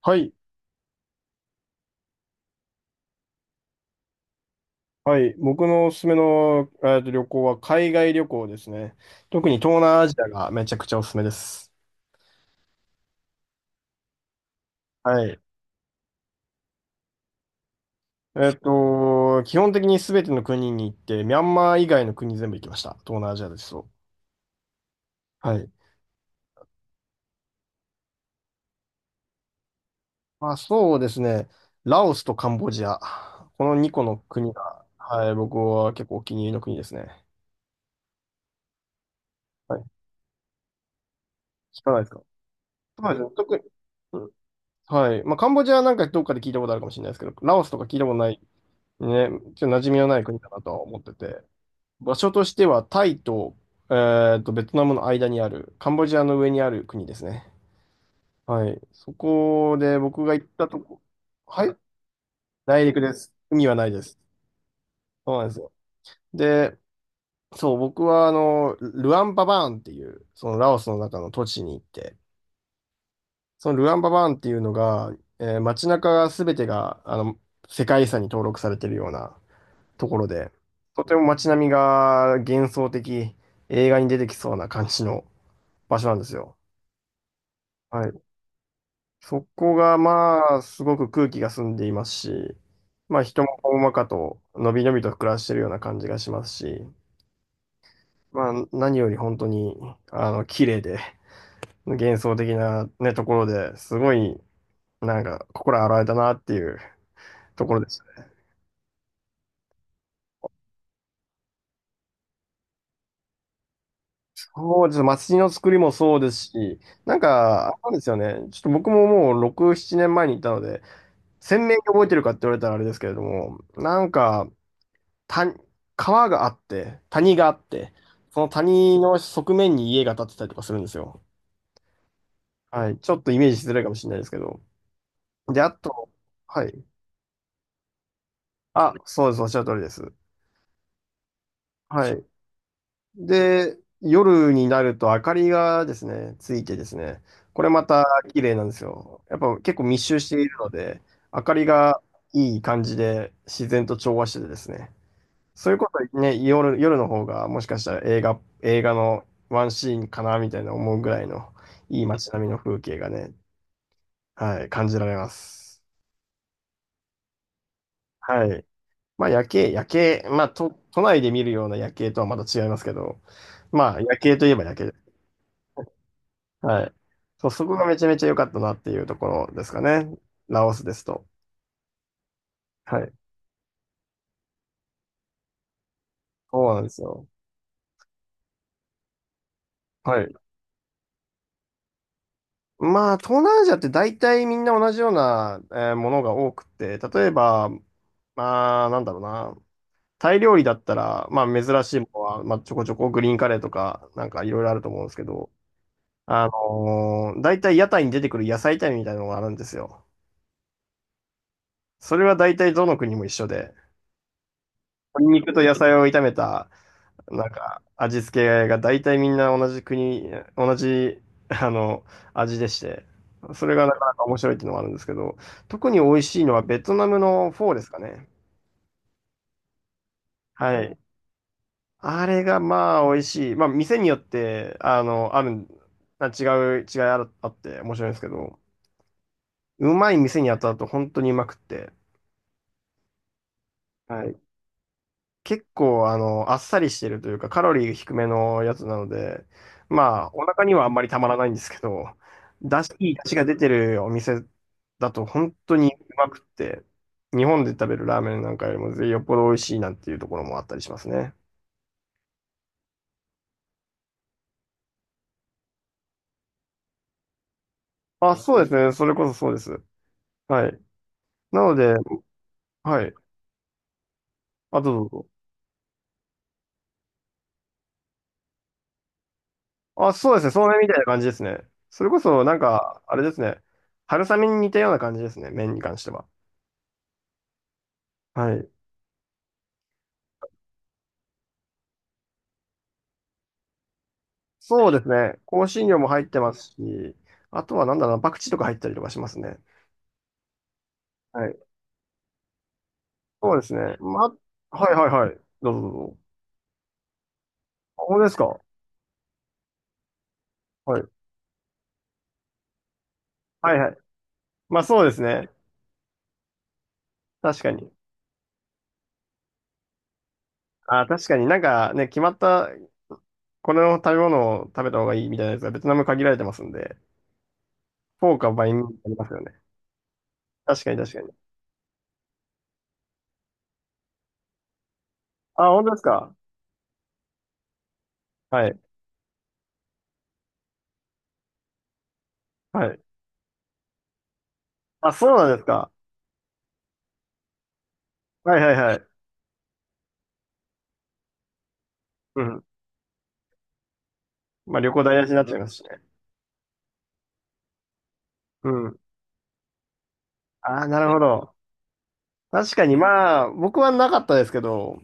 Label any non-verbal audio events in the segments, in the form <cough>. はい。はい。僕のおすすめの、旅行は海外旅行ですね。特に東南アジアがめちゃくちゃおすすめです。はい。基本的に全ての国に行って、ミャンマー以外の国全部行きました。東南アジアですと。はい。まあ、そうですね。ラオスとカンボジア。この2個の国が、はい、僕は結構お気に入りの国ですね。はい。聞かないですか？そうですね。特に、うん、はい。まあ、カンボジアなんかどっかで聞いたことあるかもしれないですけど、ラオスとか聞いたことないね、ちょっと馴染みのない国だなとは思ってて、場所としてはタイと、えベトナムの間にある、カンボジアの上にある国ですね。はい。そこで僕が行ったとこ、はい。内陸です。海はないです。そうなんですよ。で、そう、僕はルアンババーンっていう、そのラオスの中の土地に行って、そのルアンババーンっていうのが、街中が全てが、世界遺産に登録されてるような、ところで、とても街並みが幻想的、映画に出てきそうな感じの場所なんですよ。はい。そこが、まあ、すごく空気が澄んでいますし、まあ、人もほんわかと、のびのびと暮らしてるような感じがしますし、まあ、何より本当に、綺麗で、幻想的なね、ところですごい、なんか、心洗われたなっていうところです。そうです。街の作りもそうですし、なんか、あれなんですよね。ちょっと僕ももう6、7年前に行ったので、鮮明に覚えてるかって言われたらあれですけれども、なんか、た、川があって、谷があって、その谷の側面に家が建ってたりとかするんですよ。はい。ちょっとイメージしづらいかもしれないですけど。で、あと、はい。あ、そうです。おっしゃる通りです。はい。で、夜になると明かりがですね、ついてですね、これまた綺麗なんですよ。やっぱ結構密集しているので、明かりがいい感じで自然と調和しててですね、そういうことね、夜の方がもしかしたら映画のワンシーンかなみたいな思うぐらいのいい街並みの風景がね、はい、感じられます。はい。まあ夜景、まあ都内で見るような夜景とはまた違いますけど、まあ夜景といえば夜景。はい。そう、そこがめちゃめちゃ良かったなっていうところですかね。ラオスですと。はい。そうなんですよ。はい。まあ、東南アジアって大体みんな同じような、ものが多くて、例えば、まあ、なんだろうな。タイ料理だったら、まあ、珍しいものは、まあ、ちょこちょこグリーンカレーとか、なんかいろいろあると思うんですけど、大体屋台に出てくる野菜炒めみたいなのがあるんですよ。それは大体どの国も一緒で、鶏肉と野菜を炒めた、なんか、味付けが大体みんな同じ、<laughs> あの、味でして、それがなかなか面白いっていうのもあるんですけど、特に美味しいのはベトナムのフォーですかね。はい。あれがまあ美味しい。まあ店によって、あるん、あ違う、違いあるあって面白いんですけど、うまい店に当たると本当にうまくって。はい、結構、あっさりしてるというか、カロリー低めのやつなので、まあ、お腹にはあんまりたまらないんですけど、だし、いい出汁が出てるお店だと本当にうまくって、日本で食べるラーメンなんかよりもよっぽど美味しいなんていうところもあったりしますね。あ、そうですね。それこそそうです。はい。なので、はい。あ、どうぞどうぞ。あ、そうですね。そうめんみたいな感じですね。それこそ、なんか、あれですね。春雨に似たような感じですね。麺に関しては。はい。そうですね。香辛料も入ってますし、あとはなんだろうな、パクチーとか入ったりとかしますね。はい。そうですね。ま、はいはいはい。どうぞどうぞ。あ、本当ですか？はい。はいはい。まあそうですね。確かに。あ、確かになんかね、決まった、この食べ物を食べた方がいいみたいなやつがベトナム限られてますんで、フォーかバインミーありますよね。確かに確かに。あ、本当ですか？はい。はい。あ、そうなんですか？はいはいはい。うん。まあ旅行台無しになっちゃいますしね。うん。ああ、なるほど。確かにまあ、僕はなかったですけど、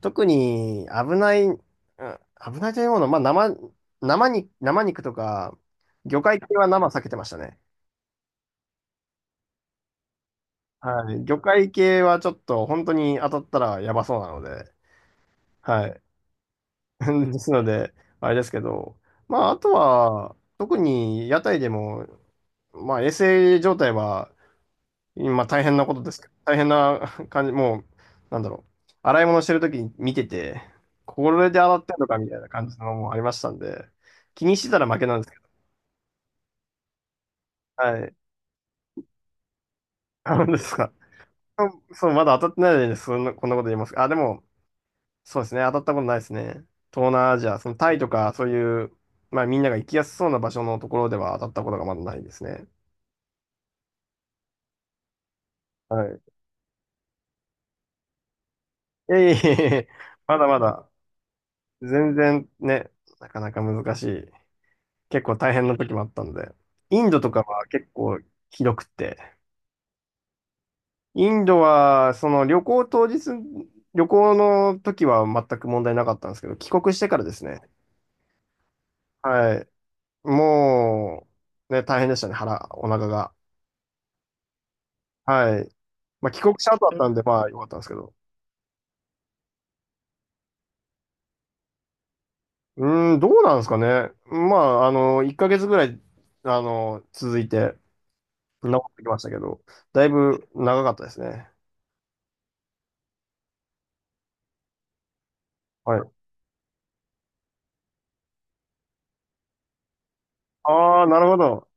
特に危ない、危ないというものは、まあ生、生に、生肉とか、魚介系は生避けてましたね。はい。魚介系はちょっと本当に当たったらやばそうなので、はい。<laughs> ですので、あれですけど、まあ、あとは、特に屋台でも、まあ、衛生状態は今大変なことですけど、大変な <laughs> 感じ、もう、なんだろう。洗い物してるときに見てて、これで洗ってんのかみたいな感じのもありましたんで、気にしてたら負けなんですけど。はい。あのですか。そう、そうまだ当たってないのにね、そんな、こんなこと言いますか。あ、でも、そうですね。当たったことないですね。東南アジア、そのタイとか、そういう、まあみんなが行きやすそうな場所のところでは当たったことがまだないですね。はい。いえいえいえ、まだまだ、全然ね、なかなか難しい。結構大変な時もあったんで、インドとかは結構ひどくて、インドはその旅行当日、旅行の時は全く問題なかったんですけど、帰国してからですね、はい、もう、ね、大変でしたね、お腹が。はい。まあ、帰国した後だったんで、まあ、良かったんですけど。うーん、どうなんですかね。まあ、1ヶ月ぐらい、続いて、治ってきましたけど、だいぶ長かったですね。はい。ああ、なるほど。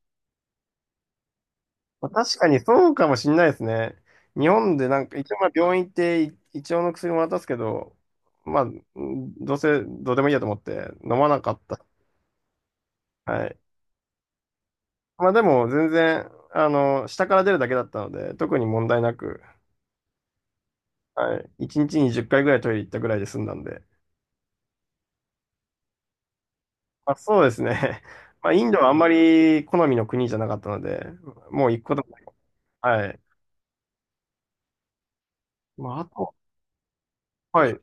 まあ確かにそうかもしんないですね。日本でなんか、一応まあ病院行ってい一応の薬も渡すけど、まあ、どうせどうでもいいやと思って飲まなかった。はい。まあでも全然、下から出るだけだったので、特に問題なく、はい。1日に10回ぐらいトイレ行ったぐらいで済んだんで。まあそうですね。<laughs> まあインドはあんまり好みの国じゃなかったので、もう行くこともない。はい。まああと、はい。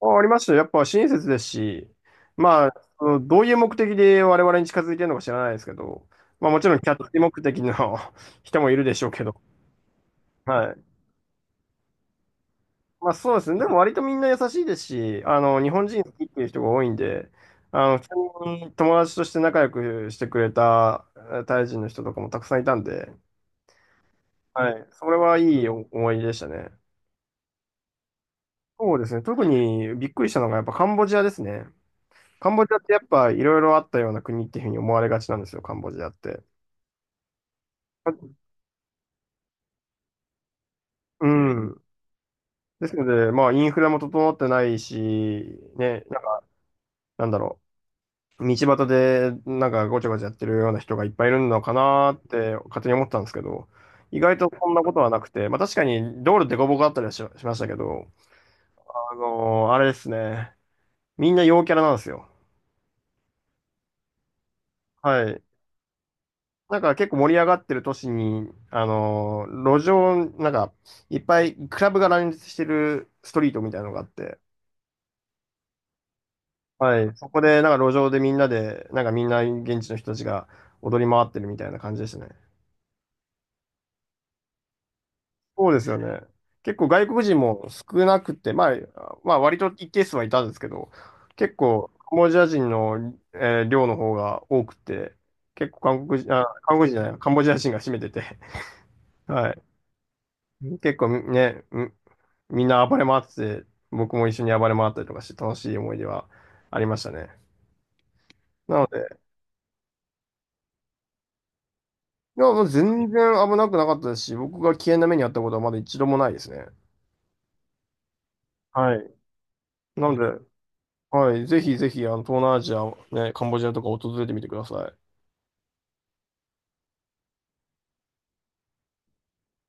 あ、ありますよ。やっぱ親切ですし、まあ、そのどういう目的で我々に近づいてるのか知らないですけど、まあもちろんキャッチ目的の <laughs> 人もいるでしょうけど、はい。まあそうですね。でも割とみんな優しいですし、日本人好きっていう人が多いんで、普通に友達として仲良くしてくれたタイ人の人とかもたくさんいたんで、はい。それはいい思い出でしたね。そうですね。特にびっくりしたのがやっぱカンボジアですね。カンボジアってやっぱいろいろあったような国っていうふうに思われがちなんですよ、カンボジアって。うん。ですので、まあ、インフラも整ってないし、ね、なんか、なんだろう、道端でなんかごちゃごちゃやってるような人がいっぱいいるのかなーって勝手に思ってたんですけど、意外とそんなことはなくて、まあ確かに道路でこぼこあったりはしましたけど、あれですね、みんな陽キャラなんですよ。はい。なんか結構盛り上がってる都市に、路上、なんか、いっぱいクラブが乱立してるストリートみたいなのがあって、はい、そこでなんか路上でみんなで、なんかみんな現地の人たちが踊り回ってるみたいな感じでしたね。そうですよね。結構外国人も少なくて、まあ、まあ割と一定数はいたんですけど、結構カンボジア人の、量の方が多くて、結構韓国人、あ、韓国人じゃない、カンボジア人が占めてて、<laughs> はい。結構ね、みんな暴れ回ってて、僕も一緒に暴れ回ったりとかして楽しい思い出はありましたね。なので、いや、もう全然危なくなかったですし、僕が危険な目に遭ったことはまだ一度もないですね。はい。なので、はい、ぜひぜひ、東南アジア、ね、カンボジアとか訪れてみてください。